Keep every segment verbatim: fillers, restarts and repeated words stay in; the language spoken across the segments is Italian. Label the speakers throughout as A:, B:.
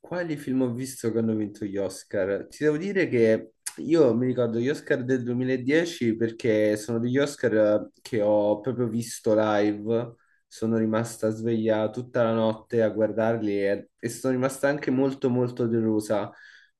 A: Quali film ho visto che hanno vinto gli Oscar? Ti devo dire che io mi ricordo gli Oscar del duemiladieci perché sono degli Oscar che ho proprio visto live, sono rimasta sveglia tutta la notte a guardarli e, e sono rimasta anche molto molto delusa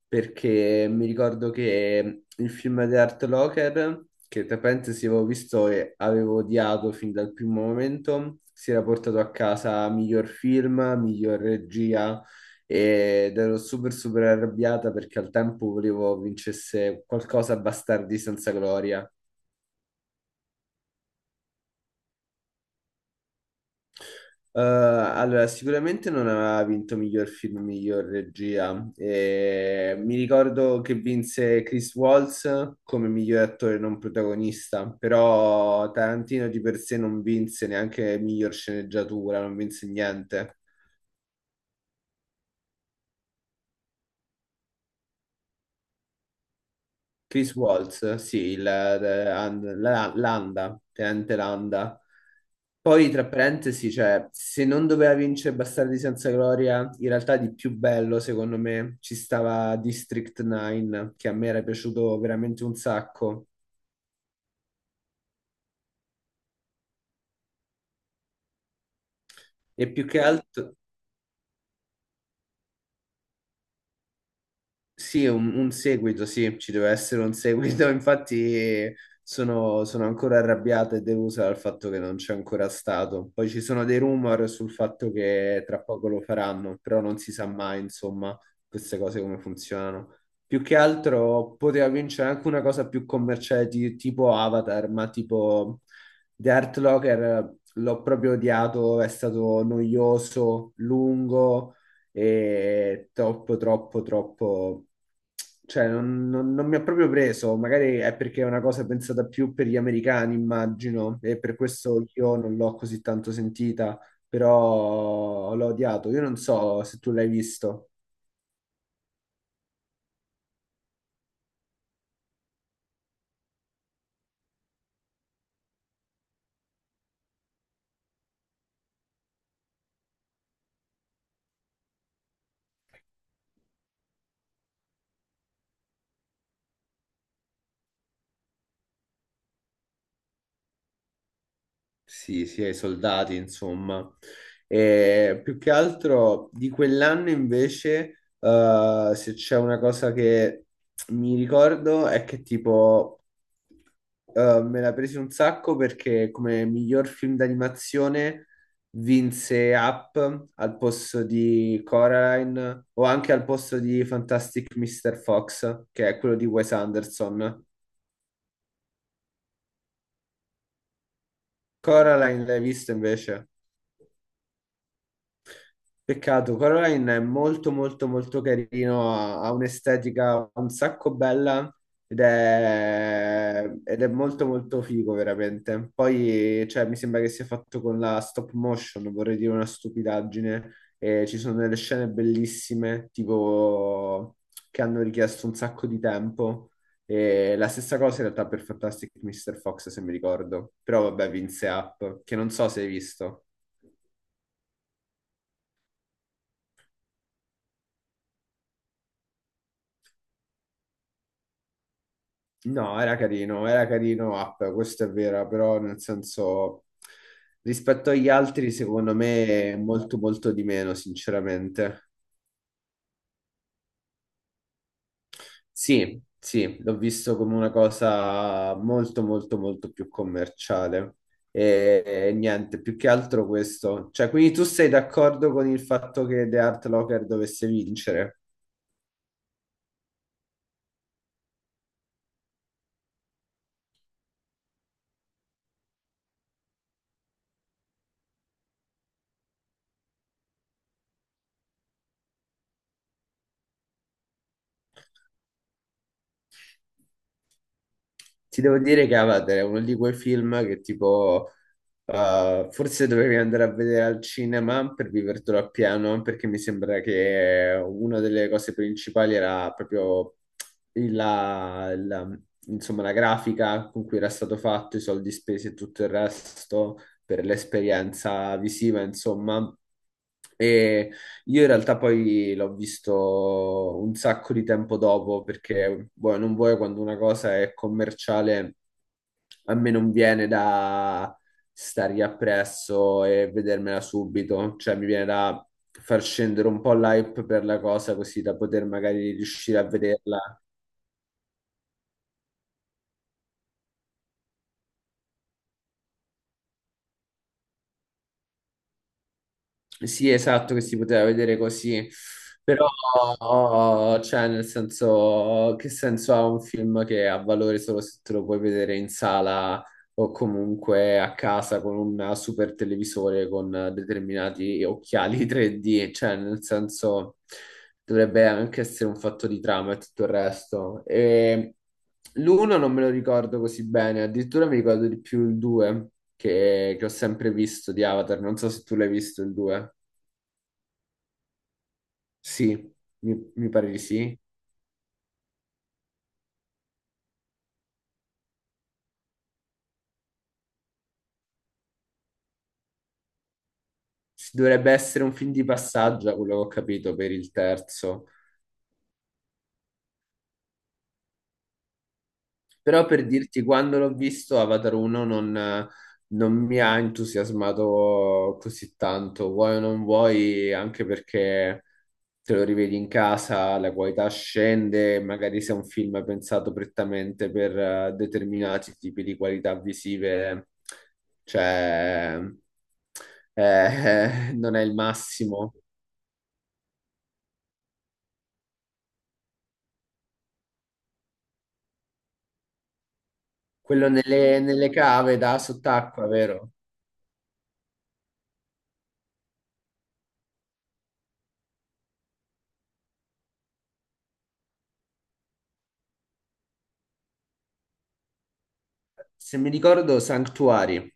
A: perché mi ricordo che il film di Art Locker, che tra parentesi avevo visto e avevo odiato fin dal primo momento, si era portato a casa miglior film, miglior regia ed ero super super arrabbiata perché al tempo volevo vincesse qualcosa a Bastardi senza gloria. Eh, allora, sicuramente non aveva vinto miglior film, miglior regia. Eh, mi ricordo che vinse Chris Waltz come miglior attore non protagonista, però Tarantino di per sé non vinse neanche miglior sceneggiatura, non vinse niente. Chris Waltz, sì, il- eh, An- la- Landa, Tenente Landa. Poi, tra parentesi, cioè, se non doveva vincere Bastardi senza gloria, in realtà di più bello, secondo me, ci stava District nove, che a me era piaciuto veramente un sacco. E più che altro, sì, un, un seguito, sì, ci deve essere un seguito. Infatti sono, sono ancora arrabbiata e delusa dal fatto che non c'è ancora stato. Poi ci sono dei rumor sul fatto che tra poco lo faranno, però non si sa mai, insomma, queste cose come funzionano. Più che altro poteva vincere anche una cosa più commerciale di- tipo Avatar, ma tipo The Art Locker l'ho proprio odiato, è stato noioso, lungo e troppo, troppo, troppo. Cioè, non, non- non mi ha proprio preso, magari è perché è una cosa pensata più per gli americani, immagino, e per questo io non l'ho così tanto sentita, però l'ho odiato. Io non so se tu l'hai visto. Sì, sì, ai soldati, insomma. E più che altro di quell'anno invece, eh, se c'è una cosa che mi ricordo è che tipo eh, me la presi un sacco perché come miglior film d'animazione vinse Up al posto di Coraline o anche al posto di Fantastic mister Fox, che è quello di Wes Anderson. Coraline l'hai visto invece? Peccato, Coraline è molto molto molto carino, ha, ha un'estetica un sacco bella ed è, ed è molto molto figo veramente. Poi cioè, mi sembra che sia fatto con la stop motion, vorrei dire una stupidaggine, e ci sono delle scene bellissime, tipo che hanno richiesto un sacco di tempo. E la stessa cosa in realtà per Fantastic mister Fox, se mi ricordo, però vabbè, vinse Up, che non so se hai visto. No, era carino, era carino Up, questo è vero, però nel senso rispetto agli altri secondo me è molto molto di meno, sinceramente. Sì, sì, l'ho visto come una cosa molto molto molto più commerciale e, e niente, più che altro questo. Cioè, quindi tu sei d'accordo con il fatto che The Art Locker dovesse vincere? Ti devo dire che Avatar è uno di quei film che tipo eh, forse dovevi andare a vedere al cinema per vivertelo appieno, perché mi sembra che una delle cose principali era proprio il- la, la- insomma, la grafica con cui era stato fatto, i soldi spesi e tutto il resto per l'esperienza visiva, insomma. E io in realtà poi l'ho visto un sacco di tempo dopo perché vuoi non vuoi quando una cosa è commerciale a me non viene da stargli appresso e vedermela subito, cioè mi viene da far scendere un po' l'hype per la cosa così da poter magari riuscire a vederla. Sì, esatto, che si poteva vedere così, però, oh, cioè, nel senso, che senso ha un film che ha valore solo se te lo puoi vedere in sala o comunque a casa con un super televisore con determinati occhiali tre D, cioè, nel senso, dovrebbe anche essere un fatto di trama e tutto il resto. E l'uno non me lo ricordo così bene, addirittura mi ricordo di più il due che, che ho sempre visto di Avatar, non so se tu l'hai visto il due. Sì, mi, mi pare di sì. S- Dovrebbe essere un film di passaggio, da quello che ho capito, per il terzo. Però per dirti, quando l'ho visto, Avatar uno non, non mi ha entusiasmato così tanto. Vuoi o non vuoi, anche perché te lo rivedi in casa, la qualità scende, magari se è un film pensato prettamente per eh, determinati tipi di qualità visive, cioè, eh, non è il massimo. Quello nelle, nelle cave da sott'acqua, vero? Se mi ricordo, Sanctuary.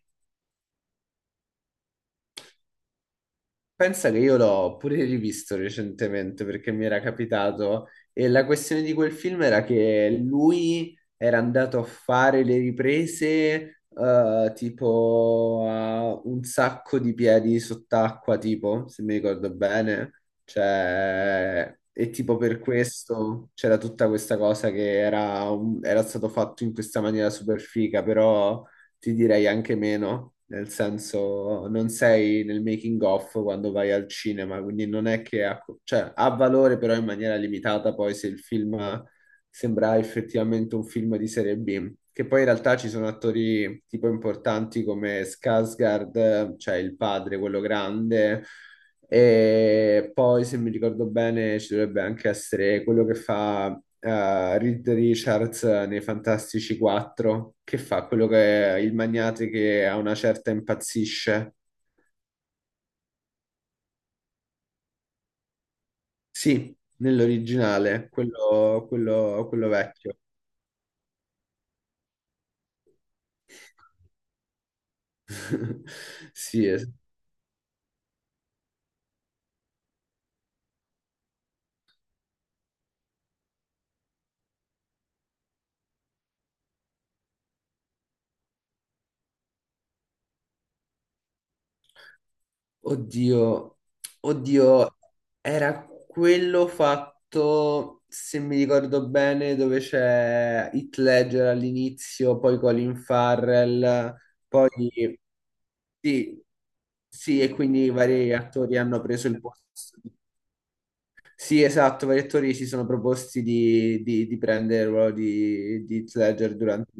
A: Pensa che io l'ho pure rivisto recentemente perché mi era capitato e la questione di quel film era che lui era andato a fare le riprese eh, tipo a un sacco di piedi sott'acqua, tipo, se mi ricordo bene. Cioè, e tipo per questo c'era tutta questa cosa che era, un- era stato fatto in questa maniera super figa, però ti direi anche meno, nel senso non sei nel making of quando vai al cinema, quindi non è che ha, cioè, ha valore però in maniera limitata poi se il film sembra effettivamente un film di serie B, che poi in realtà ci sono attori tipo importanti come Skarsgård, cioè il padre, quello grande, e poi, se mi ricordo bene, ci dovrebbe anche essere quello che fa eh, Reed Richards nei Fantastici quattro, che fa quello che è il magnate che a una certa impazzisce. Sì, nell'originale, quello, quello- quello vecchio. Sì, oddio, oddio, era quello fatto, se mi ricordo bene, dove c'è Heath Ledger all'inizio, poi Colin Farrell, poi sì, sì, e quindi vari attori hanno preso il posto. Sì, esatto, vari attori si sono proposti di, di, di prendere il ruolo di, di Heath Ledger durante.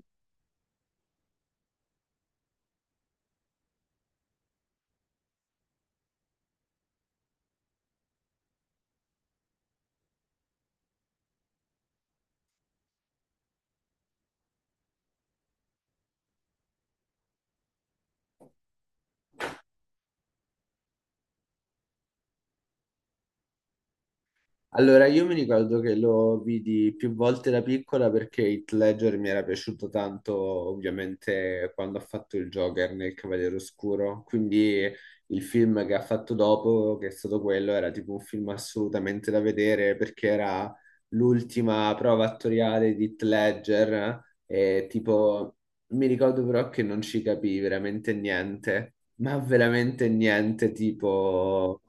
A: Allora, io mi ricordo che lo vidi più volte da piccola perché Heath Ledger mi era piaciuto tanto, ovviamente, quando ha fatto il Joker nel Cavaliere Oscuro. Quindi il film che ha fatto dopo, che è stato quello, era tipo un film assolutamente da vedere perché era l'ultima prova attoriale di Heath Ledger e tipo mi ricordo però che non ci capii veramente niente, ma veramente niente, tipo.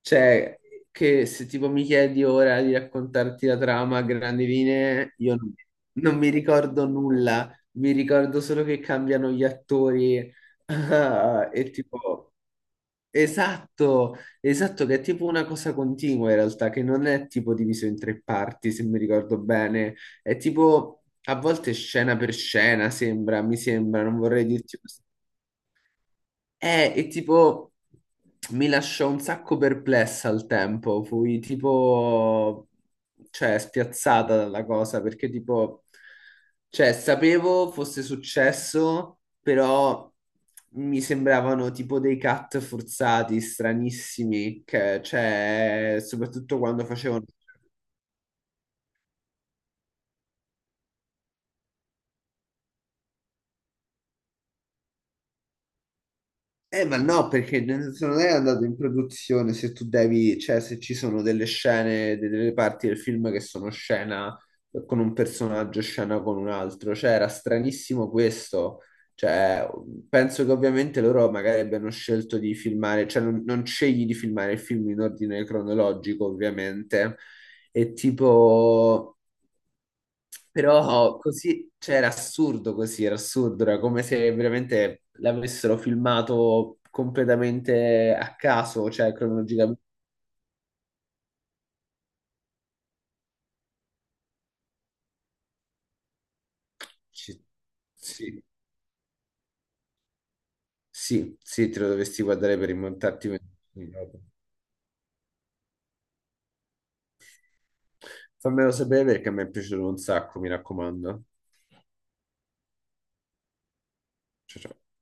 A: Cioè, che se tipo mi chiedi ora di raccontarti la trama a grandi linee, io non, non mi ricordo nulla, mi ricordo solo che cambiano gli attori. Ah, e tipo, esatto, esatto, che è tipo una cosa continua in realtà, che non è tipo diviso in tre parti, se mi ricordo bene, è tipo a volte scena per scena, sembra, mi sembra, non vorrei dirti eh, e tipo mi lasciò un sacco perplessa al tempo, fui tipo, cioè, spiazzata dalla cosa perché tipo, cioè, sapevo fosse successo, però mi sembravano tipo dei cut forzati, stranissimi, che, cioè, soprattutto quando facevano. Eh, ma no, perché nel senso non è andato in produzione se tu devi, cioè se ci sono delle scene, de- delle parti del film che sono scena con un personaggio, scena con un altro, cioè era stranissimo questo, cioè penso che ovviamente loro magari abbiano scelto di filmare, cioè non, non scegli di filmare il film in ordine cronologico ovviamente, e tipo. Però così, cioè era assurdo così, era assurdo, era come se veramente l'avessero filmato completamente a caso, cioè cronologicamente. Ci- Sì, sì, sì, te lo dovresti guardare per rimontarti. Vent'anni dopo. Fammelo sapere perché mi è piaciuto un sacco, mi raccomando. Ciao, ciao.